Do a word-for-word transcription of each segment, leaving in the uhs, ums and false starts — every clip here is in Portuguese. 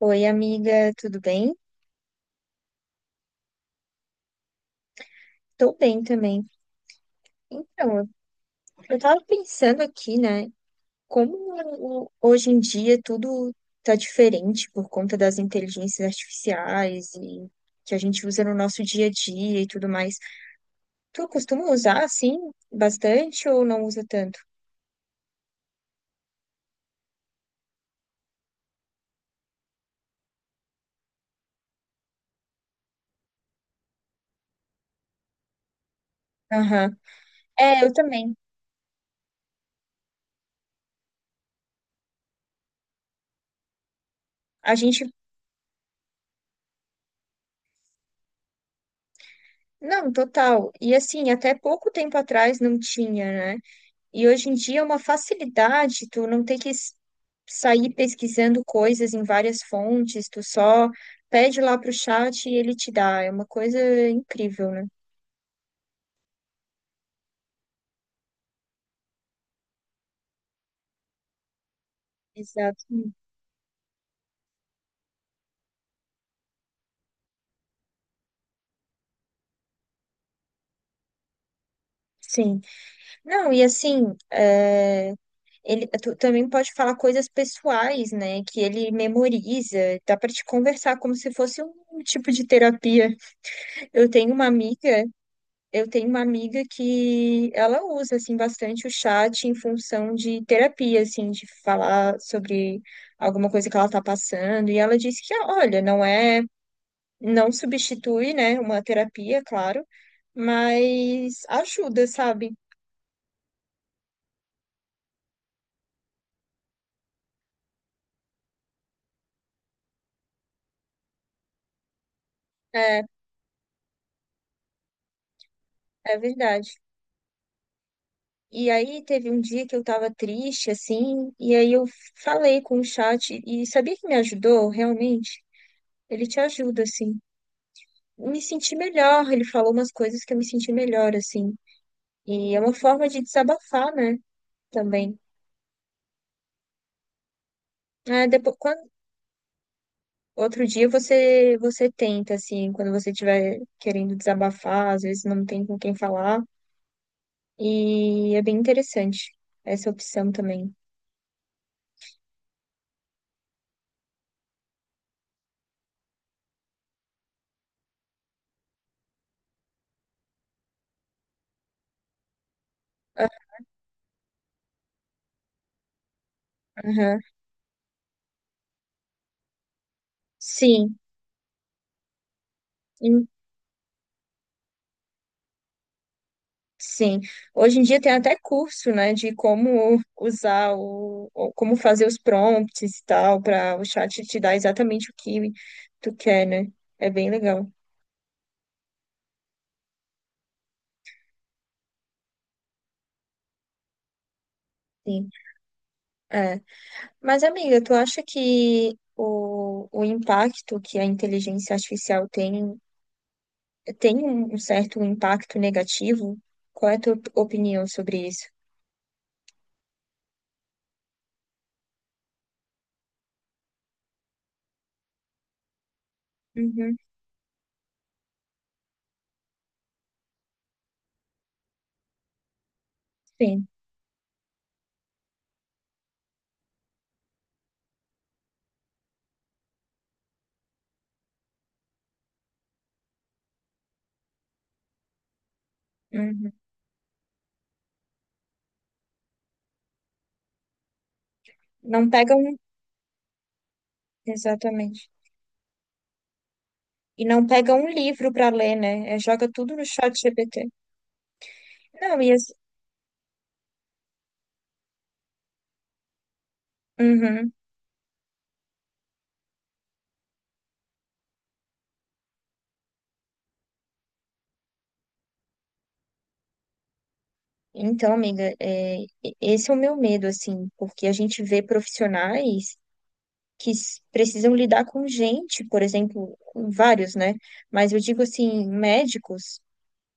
Oi, amiga, tudo bem? Tô bem também. Então, eu tava pensando aqui, né, como o- hoje em dia tudo tá diferente por conta das inteligências artificiais e que a gente usa no nosso dia a dia e tudo mais. Tu costuma usar, assim, bastante ou não usa tanto? Aham. É, eu também. A gente. Não, total. E assim, até pouco tempo atrás não tinha, né? E hoje em dia é uma facilidade tu não ter que sair pesquisando coisas em várias fontes, tu só pede lá pro chat e ele te dá. É uma coisa incrível, né? Exato. Sim. Não, e assim, é, ele, tu também pode falar coisas pessoais, né? Que ele memoriza, dá para te conversar como se fosse um tipo de terapia. Eu tenho uma amiga Eu tenho uma amiga que ela usa assim bastante o chat em função de terapia, assim, de falar sobre alguma coisa que ela está passando, e ela disse que, olha, não é, não substitui, né, uma terapia, claro, mas ajuda, sabe? É, é verdade. E aí teve um dia que eu estava triste, assim, e aí eu falei com o chat e sabia que me ajudou realmente? Ele te ajuda, assim. Me senti melhor, ele falou umas coisas que eu me senti melhor, assim. E é uma forma de desabafar, né? Também. Ah, depois, quando, Outro dia você você tenta, assim, quando você estiver querendo desabafar, às vezes não tem com quem falar. E é bem interessante essa opção também. Aham. Sim, Hum, sim. Hoje em dia tem até curso, né, de como usar o, o- como fazer os prompts e tal, para o chat te dar exatamente o que tu quer, né? É bem legal. Sim. é Mas, amiga, tu acha que o, o impacto que a inteligência artificial tem, tem um um certo impacto negativo? Qual é a tua op- opinião sobre isso? Uhum, sim. Uhum. Não pega um. Exatamente. E não pega um livro para ler, né? É, joga tudo no chat G P T. Não, e as- Uhum. Então, amiga, é, e- esse é o meu medo, assim, porque a gente vê profissionais que s- precisam lidar com gente, por exemplo, vários, né? Mas eu digo assim, médicos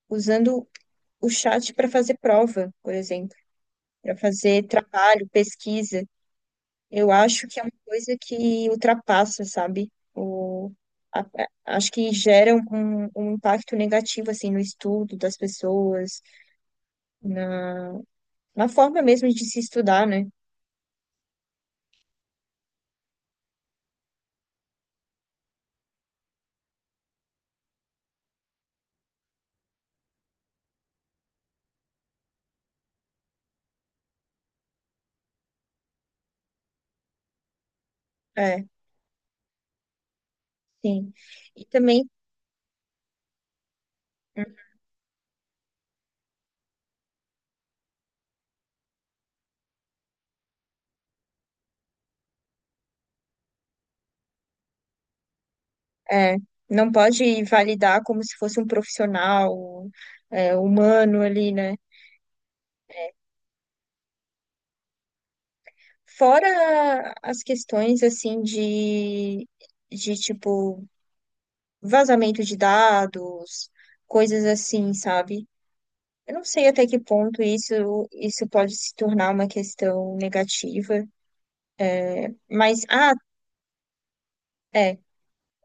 usando o chat para fazer prova, por exemplo, para fazer trabalho, pesquisa. Eu acho que é uma coisa que ultrapassa, sabe? O, a- a- acho que gera um, um um impacto negativo, assim, no estudo das pessoas, na, na forma mesmo de se estudar, né? É, sim. E também. É, não pode validar como se fosse um profissional, é, humano ali, né? Fora as questões, assim, de, de, tipo, vazamento de dados, coisas assim, sabe? Eu não sei até que ponto isso, isso pode se tornar uma questão negativa, mas, ah, é.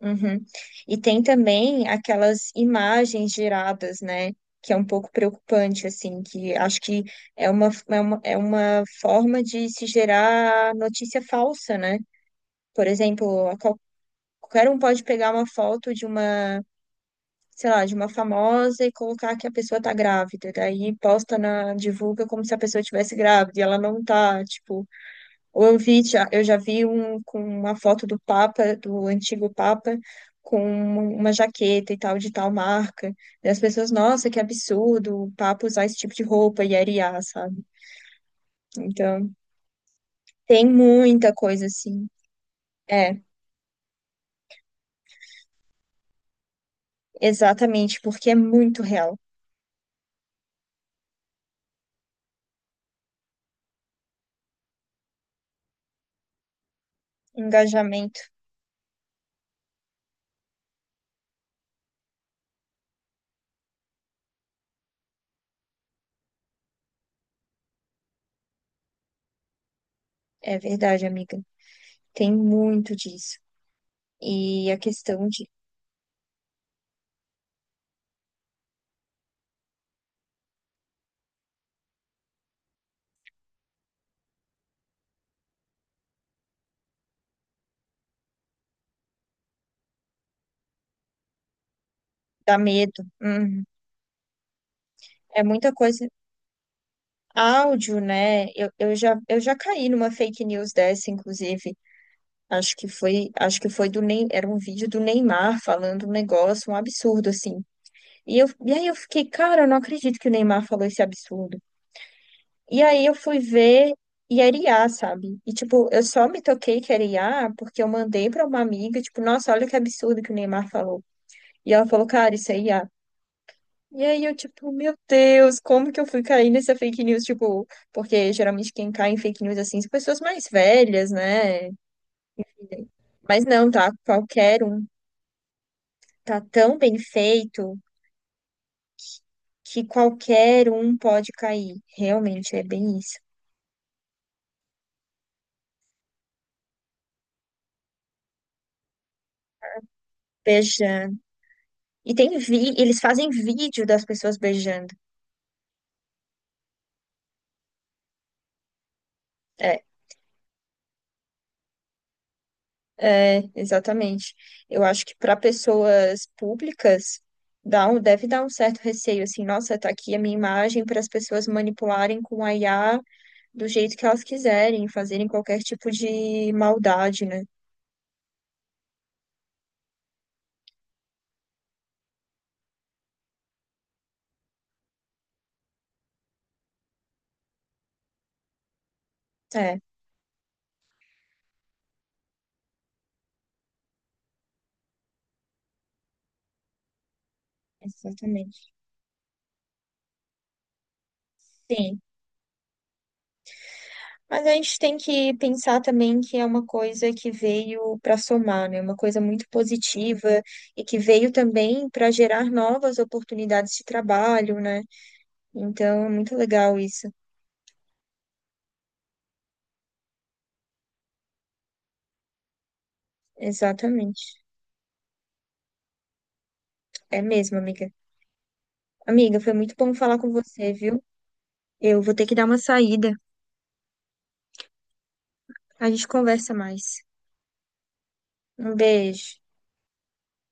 Uhum. E tem também aquelas imagens geradas, né? Que é um pouco preocupante, assim, que acho que é uma, é uma, é uma forma de se gerar notícia falsa, né? Por exemplo, a qual- qualquer um pode pegar uma foto de uma, sei lá, de uma famosa e colocar que a pessoa tá grávida, daí posta na, divulga como se a pessoa estivesse grávida e ela não tá, tipo. Ou eu vi já, eu já vi um com uma foto do Papa, do antigo Papa, com uma jaqueta e tal, de tal marca. E as pessoas, nossa, que absurdo o Papa usar esse tipo de roupa e arear, sabe? Então, tem muita coisa assim. É, exatamente, porque é muito real. Engajamento, é verdade, amiga. Tem muito disso. E a questão de dar medo. Uhum. É muita coisa. Áudio, né? Eu, eu já, eu já caí numa fake news dessa, inclusive, Acho que foi, acho que foi do Ney, era um vídeo do Neymar falando um negócio, um absurdo assim. E eu, e aí eu fiquei, cara, eu não acredito que o Neymar falou esse absurdo. E aí eu fui ver e era I A, sabe? E tipo, eu só me toquei que era I A porque eu mandei pra uma amiga, tipo, nossa, olha que absurdo que o Neymar falou. E ela falou, cara, isso é I A. E aí eu, tipo, meu Deus, como que eu fui cair nessa fake news? Tipo, porque geralmente quem cai em fake news assim são pessoas mais velhas, né? Mas não, tá? Qualquer um tá tão bem feito que qualquer um pode cair. Realmente é bem isso. Beijando. E tem vi, eles fazem vídeo das pessoas beijando. É, é, exatamente. Eu acho que para pessoas públicas dá um, deve dar um certo receio assim, nossa, tá aqui a minha imagem para as pessoas manipularem com a I A do jeito que elas quiserem, fazerem qualquer tipo de maldade, né? É, exatamente. Sim. Mas a gente tem que pensar também que é uma coisa que veio para somar, né? Uma coisa muito positiva e que veio também para gerar novas oportunidades de trabalho, né? Então, é muito legal isso. Exatamente. É mesmo, amiga. Amiga, foi muito bom falar com você, viu? Eu vou ter que dar uma saída. A gente conversa mais. Um beijo.